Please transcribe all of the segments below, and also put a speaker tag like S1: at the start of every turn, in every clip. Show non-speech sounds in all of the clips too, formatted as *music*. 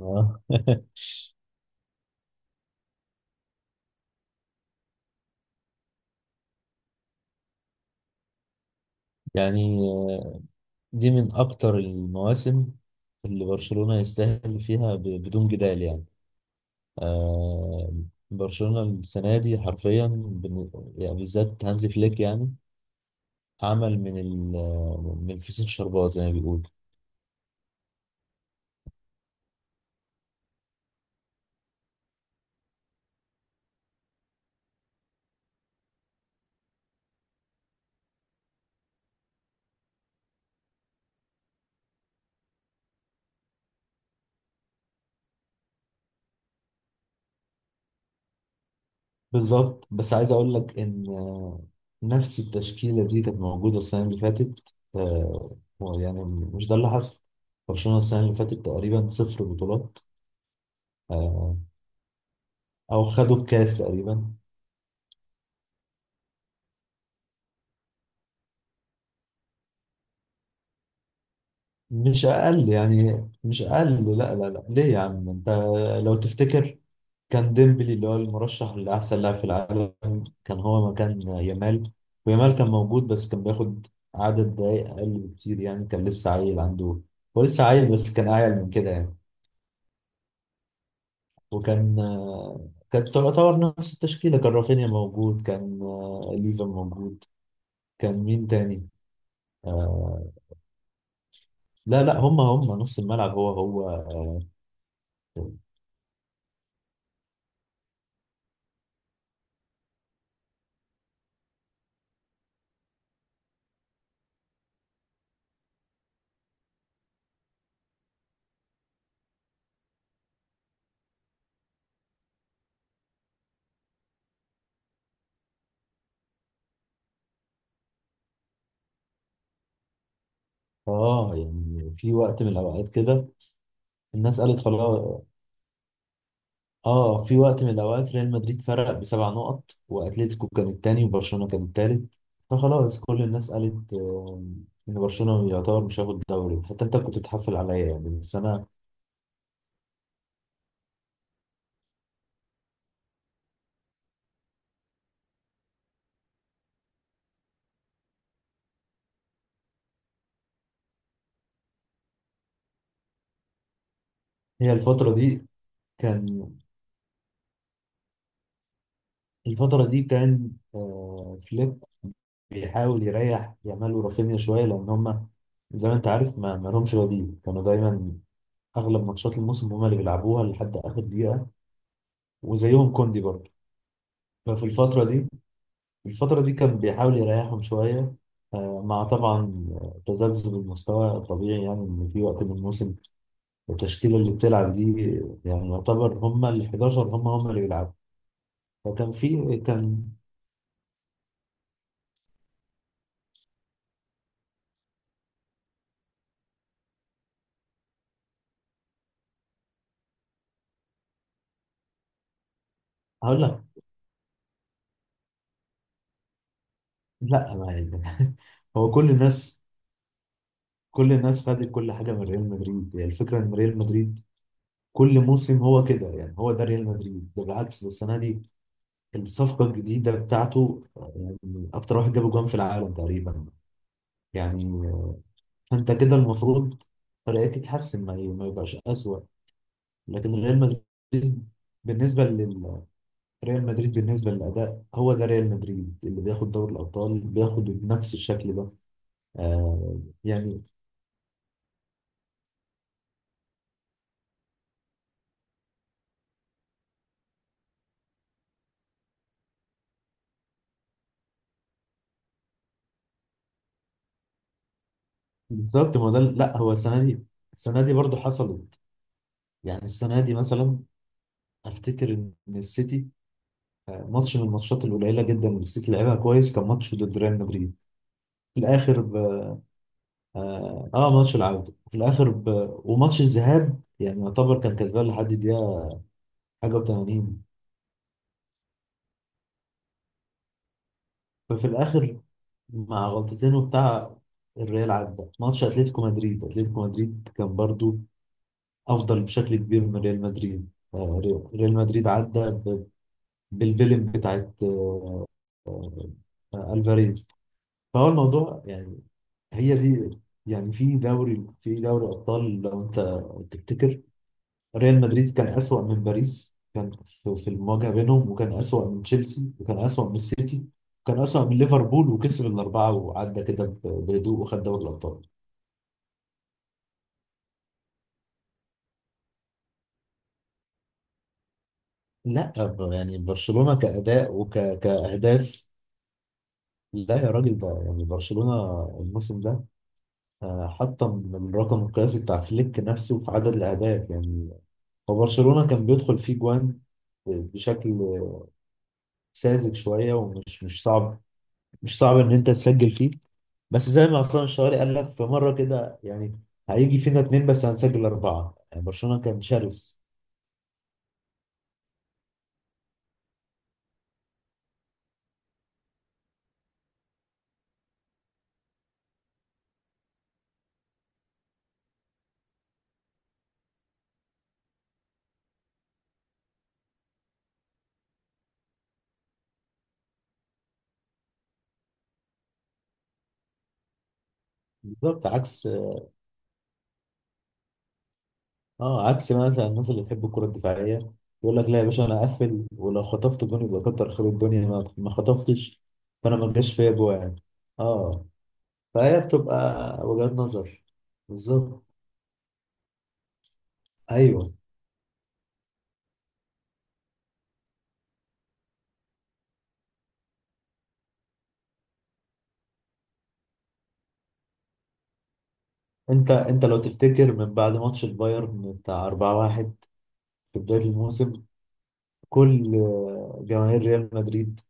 S1: آه. *laughs* يعني آه، دي من أكتر المواسم اللي برشلونة يستاهل فيها بدون جدال يعني. آه، برشلونة السنة دي حرفيا بالذات هانزي فليك يعني عمل من الفسيخ شربات زي ما بيقول. بالظبط، بس عايز أقول لك إن نفس التشكيلة دي كانت موجودة السنة اللي فاتت، آه، يعني مش ده اللي حصل. برشلونة السنة اللي فاتت تقريبا صفر بطولات، آه، أو خدوا الكاس تقريبا. مش اقل يعني مش اقل، لا لا لا ليه يا عم انت؟ لو تفتكر، كان ديمبلي اللي هو المرشح لاحسن لاعب في العالم كان هو مكان يامال، ويامال كان موجود بس كان بياخد عدد دقايق اقل بكتير، يعني كان لسه عيل عنده. هو لسه عيل بس كان اعيل من كده يعني. وكان كانت تعتبر نفس التشكيله، كان رافينيا موجود، كان ليفا موجود. كان مين تاني؟ آه، لا لا، هم نص الملعب، هو هو. اه يعني في وقت من الاوقات كده الناس قالت خلاص. اه في وقت من الاوقات ريال مدريد فرق بسبع نقط واتلتيكو كان التاني وبرشلونه كان التالت. فخلاص كل الناس قالت ان برشلونه يعتبر مش هياخد الدوري، حتى انت كنت بتحفل عليا يعني، بس انا. هي الفتره دي كان الفتره دي كان فليب بيحاول يريح يامال ورافينيا شويه، لان هم زي ما انت عارف ما لهمش بديل، كانوا دايما اغلب ماتشات الموسم هم اللي بيلعبوها لحد اخر دقيقه، وزيهم كوندي برضه. ففي الفترة دي الفترة دي كان بيحاول يريحهم شوية، مع طبعا تذبذب المستوى الطبيعي، يعني إن في وقت من الموسم التشكيلة اللي بتلعب دي يعني يعتبر هما ال 11، هما هما اللي بيلعبوا. فكان في كان هقول لك، لا ما يعني. *laughs* هو كل الناس، كل الناس خدت كل حاجة من ريال مدريد، يعني الفكرة إن ريال مدريد كل موسم هو كده، يعني هو ده ريال مدريد. ده بالعكس، ده السنة دي الصفقة الجديدة بتاعته أكتر واحد جاب جوان في العالم تقريبا، يعني انت كده المفروض فرقتك تتحسن، ما يبقاش اسوأ. لكن ريال مدريد بالنسبه لل، ريال مدريد بالنسبه للاداء، هو ده ريال مدريد اللي بياخد دوري الابطال، بياخد بنفس الشكل ده. آه يعني بالظبط. ما ده لا، هو السنه دي، السنه دي برضه حصلت، يعني السنه دي مثلا افتكر ان السيتي، ماتش من الماتشات القليله جدا اللي السيتي لعبها كويس كان ماتش ضد ريال مدريد في الاخر. اه ماتش العودة في الآخر ب... وماتش الذهاب يعني يعتبر كان كسبان لحد الدقيقة حاجة و80. ففي الآخر مع غلطتين وبتاع، الريال عدى. ماتش أتلتيكو مدريد، أتلتيكو مدريد كان برضو أفضل بشكل كبير من ريال مدريد. ريال مدريد عدى ب... بالفيلم بتاعت ألفاريز. فهو الموضوع يعني، هي دي. يعني في دوري، في دوري أبطال لو أنت تفتكر، ريال مدريد كان أسوأ من باريس كان في في المواجهة بينهم، وكان أسوأ من تشيلسي، وكان أسوأ من السيتي، وكان أسوأ من ليفربول، وكسب الأربعة وعدى كده بهدوء وخد دوري الأبطال. لا يعني برشلونة كأداء وكأهداف، لا يا راجل، ده يعني برشلونة الموسم ده حطم الرقم القياسي بتاع فليك نفسه في عدد الأهداف. يعني هو برشلونة كان بيدخل فيه جوان بشكل ساذج شوية، ومش مش صعب ان انت تسجل فيه. بس زي ما عصام الشوالي قال لك في مره كده، يعني هيجي فينا اتنين بس هنسجل اربعه، يعني برشلونه كان شرس. بالظبط، عكس، اه عكس مثلا الناس اللي بتحب الكره الدفاعيه، يقول لك لا يا باشا انا اقفل، ولو خطفت جون يبقى كتر خير الدنيا، ما خطفتش. فانا ما جاش فيا جوه يعني. اه فهي بتبقى وجهات نظر. بالظبط. ايوه انت، انت لو تفتكر من بعد ماتش البايرن بتاع 4-1 في بدايه الموسم، كل جماهير ريال مدريد: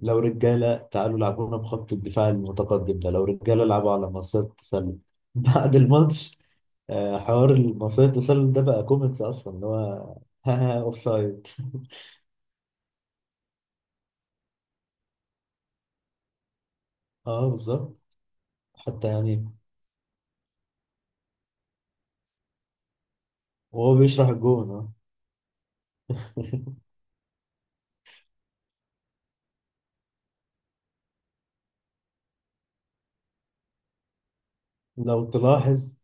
S1: لو رجاله تعالوا لعبونا بخط الدفاع المتقدم ده، لو رجاله لعبوا على مصيدة التسلل. *laughs* بعد الماتش حوار مصيدة التسلل ده بقى كوميكس اصلا، اللي هو *laughs* ها، اوف سايد. *laughs* اه بالظبط. حتى يعني، وهو بيشرح الجون اه. *laughs* لو تلاحظ،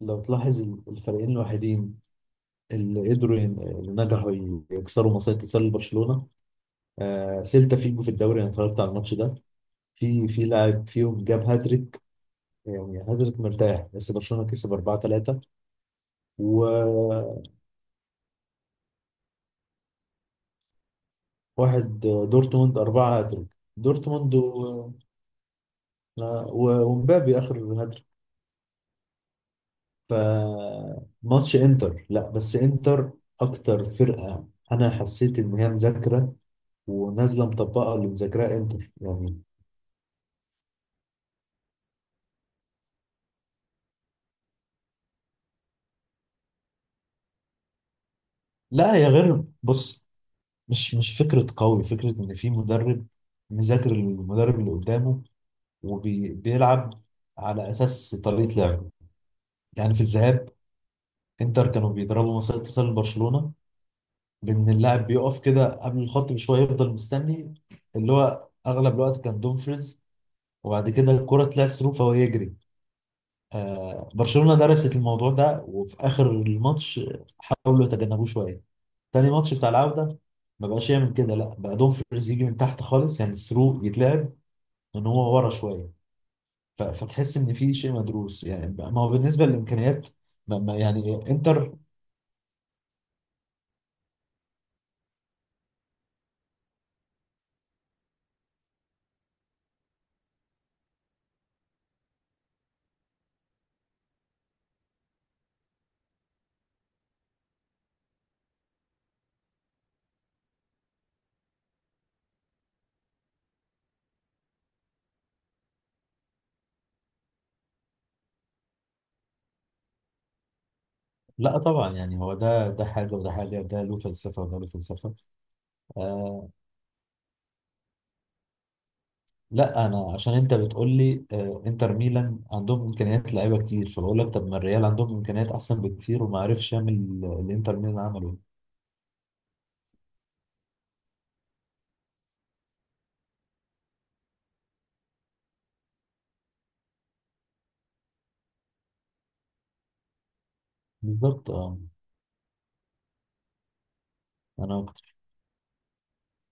S1: لو تلاحظ، الفريقين الوحيدين اللي اللي نجحوا يكسروا مصيدة تسلل برشلونة: آه سيلتا فيجو في الدوري. انا اتفرجت على الماتش ده، في في لاعب فيهم جاب هاتريك، يعني هاتريك مرتاح، بس برشلونة كسب 4-3. وواحد دورتموند، 4 هاتريك دورتموند ومبابي اخر هاتريك. فماتش انتر، لا بس انتر اكتر فرقة انا حسيت ان هي مذاكرة ونازلة مطبقة اللي مذاكراه انتر يعني. لا هي غير، بص، مش مش فكرة قوي، فكرة ان في مدرب مذاكر المدرب اللي قدامه، وبيلعب على اساس طريقه لعبه. يعني في الذهاب انتر كانوا بيضربوا مسار اتصال لبرشلونه، بان اللاعب بيقف كده قبل الخط بشويه يفضل مستني، اللي هو اغلب الوقت كان دومفريز، وبعد كده الكره تلعب ثرو فهو يجري. آه برشلونه درست الموضوع ده، وفي اخر الماتش حاولوا يتجنبوه شويه. تاني ماتش بتاع العوده ما بقاش يعمل كده، لا بقى دومفريز يجي من تحت خالص، يعني الثرو يتلعب ان هو ورا شويه. فتحس ان في شيء مدروس، يعني ما هو بالنسبه للامكانيات. يعني انتر، لا طبعا يعني هو ده حاجه وده حاجه، ده له فلسفه وده له فلسفه. آه لا انا عشان انت بتقول لي آه انتر ميلان عندهم امكانيات لعيبه كتير، فبقول لك طب ما الريال عندهم امكانيات احسن بكتير، وما عرفش يعمل اللي انتر ميلان عمله. بالظبط اه انا